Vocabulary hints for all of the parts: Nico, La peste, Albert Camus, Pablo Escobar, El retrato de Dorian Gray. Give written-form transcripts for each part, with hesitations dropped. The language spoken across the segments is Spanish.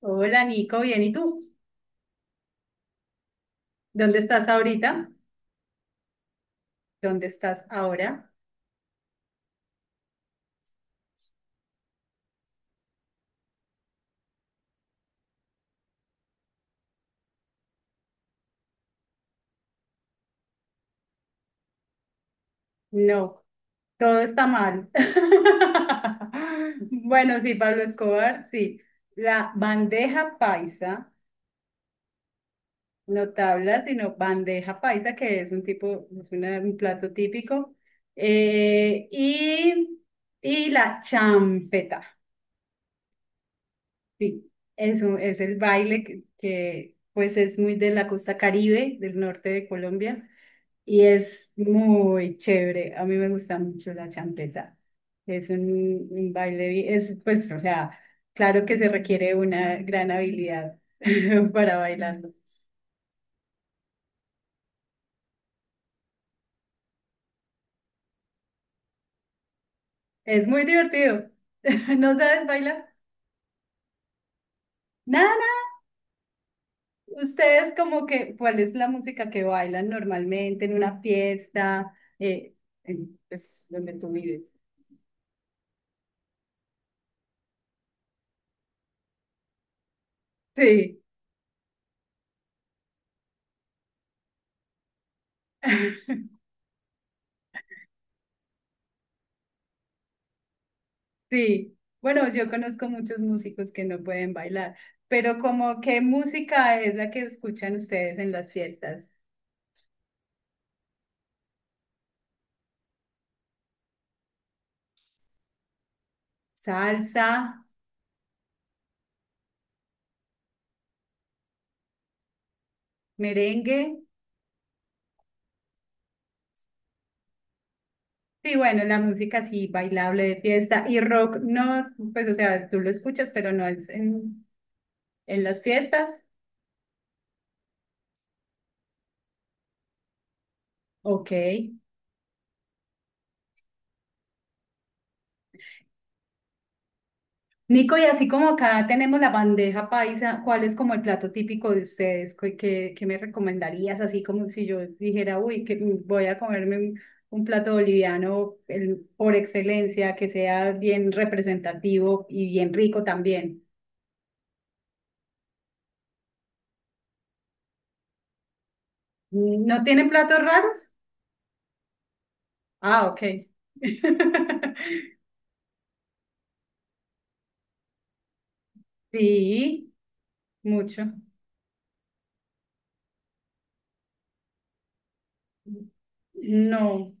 Hola Nico, bien, ¿y tú? ¿Dónde estás ahorita? ¿Dónde estás ahora? No, todo está mal. Bueno, sí, Pablo Escobar, sí. La bandeja paisa, no tabla, sino bandeja paisa, que es un tipo, es un plato típico. Eh, y, y la champeta, sí. Eso es es el baile que pues es muy de la costa Caribe, del norte de Colombia. Y es muy chévere. A mí me gusta mucho la champeta. Es un baile, es pues, o sea, claro que se requiere una gran habilidad para bailarlo. Es muy divertido. ¿No sabes bailar? Nada, nada. Ustedes como que, ¿cuál es la música que bailan normalmente en una fiesta? Eh, en, pues, donde tú vives. Sí. Sí, bueno, yo conozco muchos músicos que no pueden bailar, pero como ¿qué música es la que escuchan ustedes en las fiestas? Salsa, merengue, sí, bueno, la música sí, bailable de fiesta, y rock, no, pues o sea, tú lo escuchas, pero no es en las fiestas, ok. Nico, y así como acá tenemos la bandeja paisa, ¿cuál es como el plato típico de ustedes? ¿Qué, qué me recomendarías? Así como si yo dijera, uy, que voy a comerme un plato boliviano por excelencia, que sea bien representativo y bien rico también. ¿No tienen platos raros? Ah, ok. Sí, mucho. No.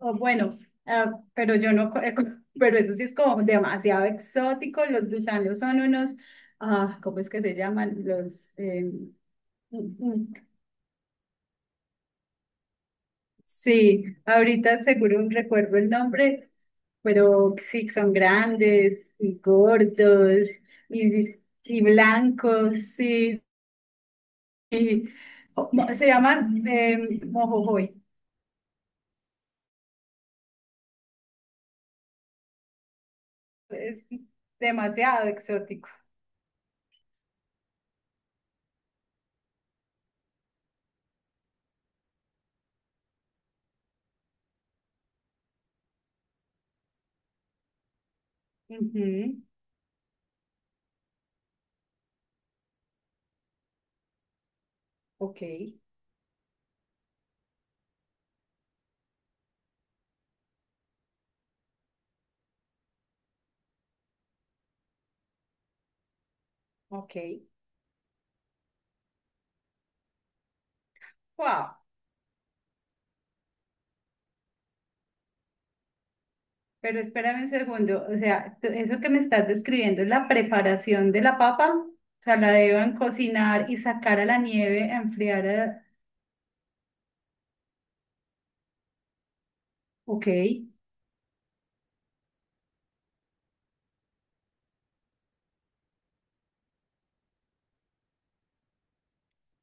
O bueno, ah, pero yo no, pero eso sí es como demasiado exótico. Los gusanos son unos, ah, ¿cómo es que se llaman? Los, mm, mm. Sí, ahorita seguro recuerdo el nombre, pero sí, son grandes y gordos y blancos, sí, sí. Se llaman mojojoy. Es demasiado exótico. Ujú, ok, ok. Wow. Pero espérame un segundo, o sea, eso que me estás describiendo es la preparación de la papa, o sea, la deben cocinar y sacar a la nieve a enfriar. Ok,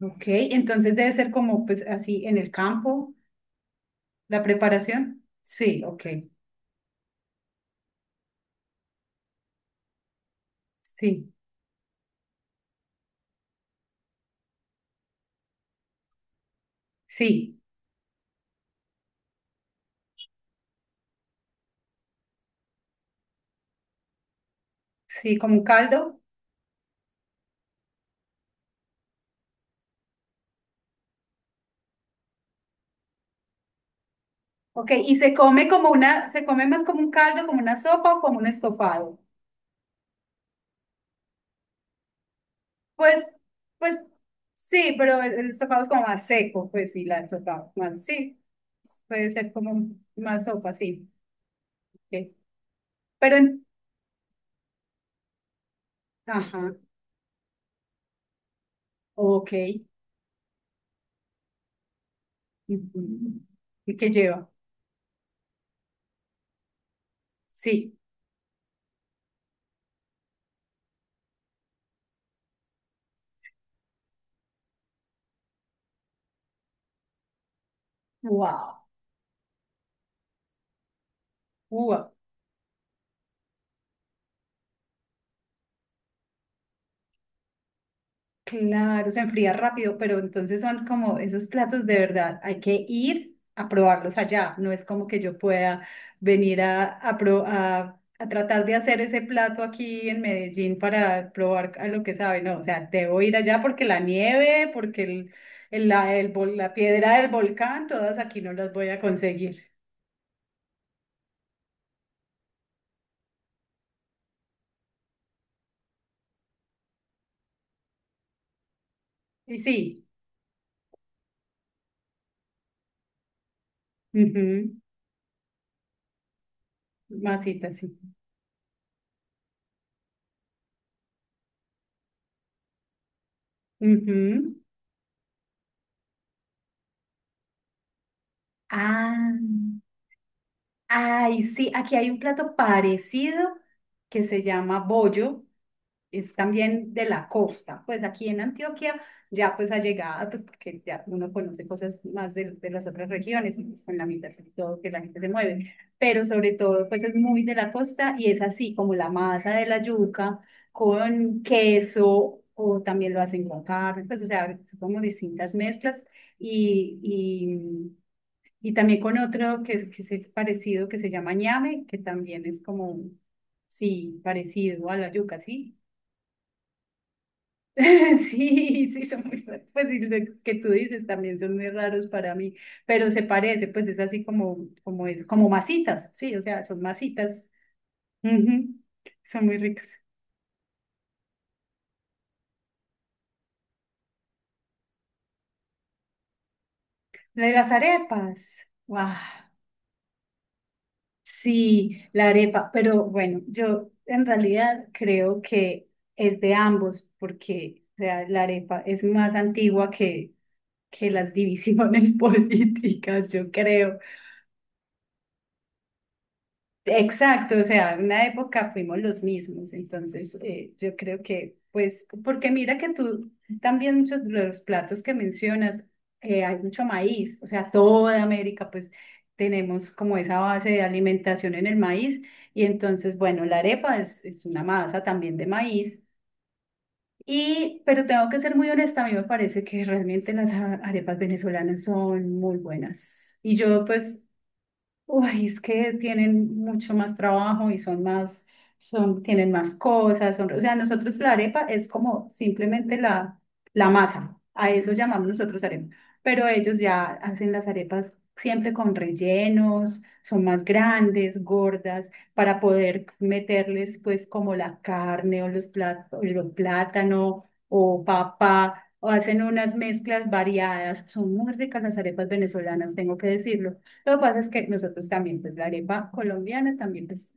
ok, entonces debe ser como pues así en el campo, la preparación. Sí, ok, sí, sí, sí, como un caldo. Ok, y se come como una, se come más como un caldo, como una sopa o como un estofado. Pues, pues sí, pero el estofado es como más seco, pues sí, la sopa, más, sí, puede ser como más sopa, sí. Ok. Pero, ajá, ok. Ujú. ¿Y qué lleva? Sí, wow, wow. Claro, se enfría rápido, pero entonces son como esos platos de verdad, hay que ir a probarlos allá, no es como que yo pueda venir a, a tratar de hacer ese plato aquí en Medellín para probar a lo que sabe, no, o sea, debo ir allá porque la nieve, porque la piedra del volcán, todas aquí no las voy a conseguir. Y sí, ujú, masita, sí. Ujú. Ah. Ay, sí, aquí hay un plato parecido que se llama bollo, es también de la costa, pues aquí en Antioquia ya pues ha llegado, pues porque ya uno conoce cosas más de las otras regiones, y, pues, con la migración y todo, que la gente se mueve, pero sobre todo pues es muy de la costa y es así como la masa de la yuca con queso o también lo hacen con carne, pues o sea, son como distintas mezclas y, y también con otro que es parecido, que se llama ñame, que también es como, sí, parecido a la yuca, ¿sí? Sí, sí, son muy, pues y lo que tú dices también son muy raros para mí, pero se parece, pues es así como, como es, como masitas, sí, o sea, son masitas, ujú. Son muy ricas. La de las arepas, ¡guau! Sí, la arepa, pero bueno, yo en realidad creo que es de ambos, porque o sea, la arepa es más antigua que las divisiones políticas, yo creo. Exacto, o sea, en una época fuimos los mismos, entonces yo creo que, pues, porque mira que tú también muchos de los platos que mencionas, hay mucho maíz, o sea, toda América, pues, tenemos como esa base de alimentación en el maíz, y entonces, bueno, la arepa es una masa también de maíz, y, pero tengo que ser muy honesta, a mí me parece que realmente las arepas venezolanas son muy buenas, y yo, pues, uy, es que tienen mucho más trabajo y son más, son, tienen más cosas, son, o sea, nosotros la arepa es como simplemente la masa, a eso llamamos nosotros arepa, pero ellos ya hacen las arepas siempre con rellenos, son más grandes, gordas, para poder meterles pues como la carne o los plátanos, o plátano o papa, o hacen unas mezclas variadas, son muy ricas las arepas venezolanas, tengo que decirlo. Lo que pasa es que nosotros también, pues la arepa colombiana también pues,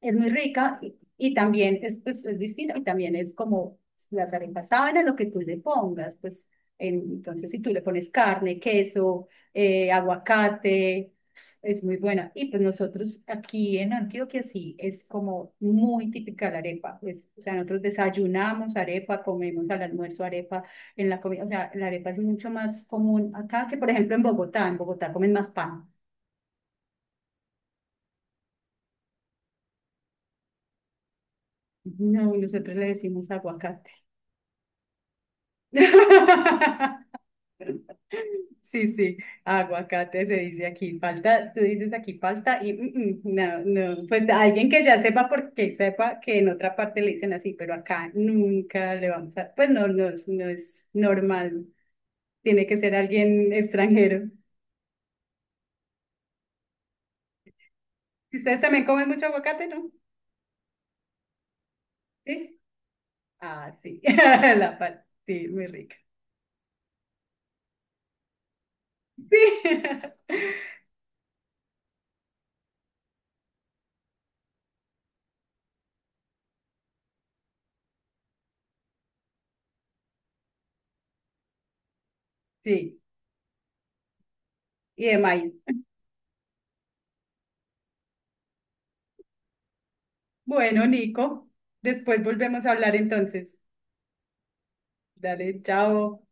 es muy rica y también es, pues, es distinta y también es como las arepas saben a lo que tú le pongas, pues entonces si tú le pones carne, queso, aguacate, es muy buena. Y pues nosotros aquí en Antioquia sí, es como muy típica la arepa, pues, o sea, nosotros desayunamos arepa, comemos al almuerzo arepa en la comida, o sea, la arepa es mucho más común acá que por ejemplo en Bogotá comen más pan. No, nosotros le decimos aguacate. Sí, sí, aguacate se dice aquí, falta, tú dices aquí falta y no, no, pues alguien que ya sepa porque sepa que en otra parte le dicen así, pero acá nunca le vamos a, pues no, no, no es normal, tiene que ser alguien extranjero. ¿Y ustedes también comen mucho aguacate, no? Sí. Ah, sí, la parte, sí, muy rica. Sí. Sí, y de maíz. Bueno, Nico, después volvemos a hablar entonces. Dale, chao.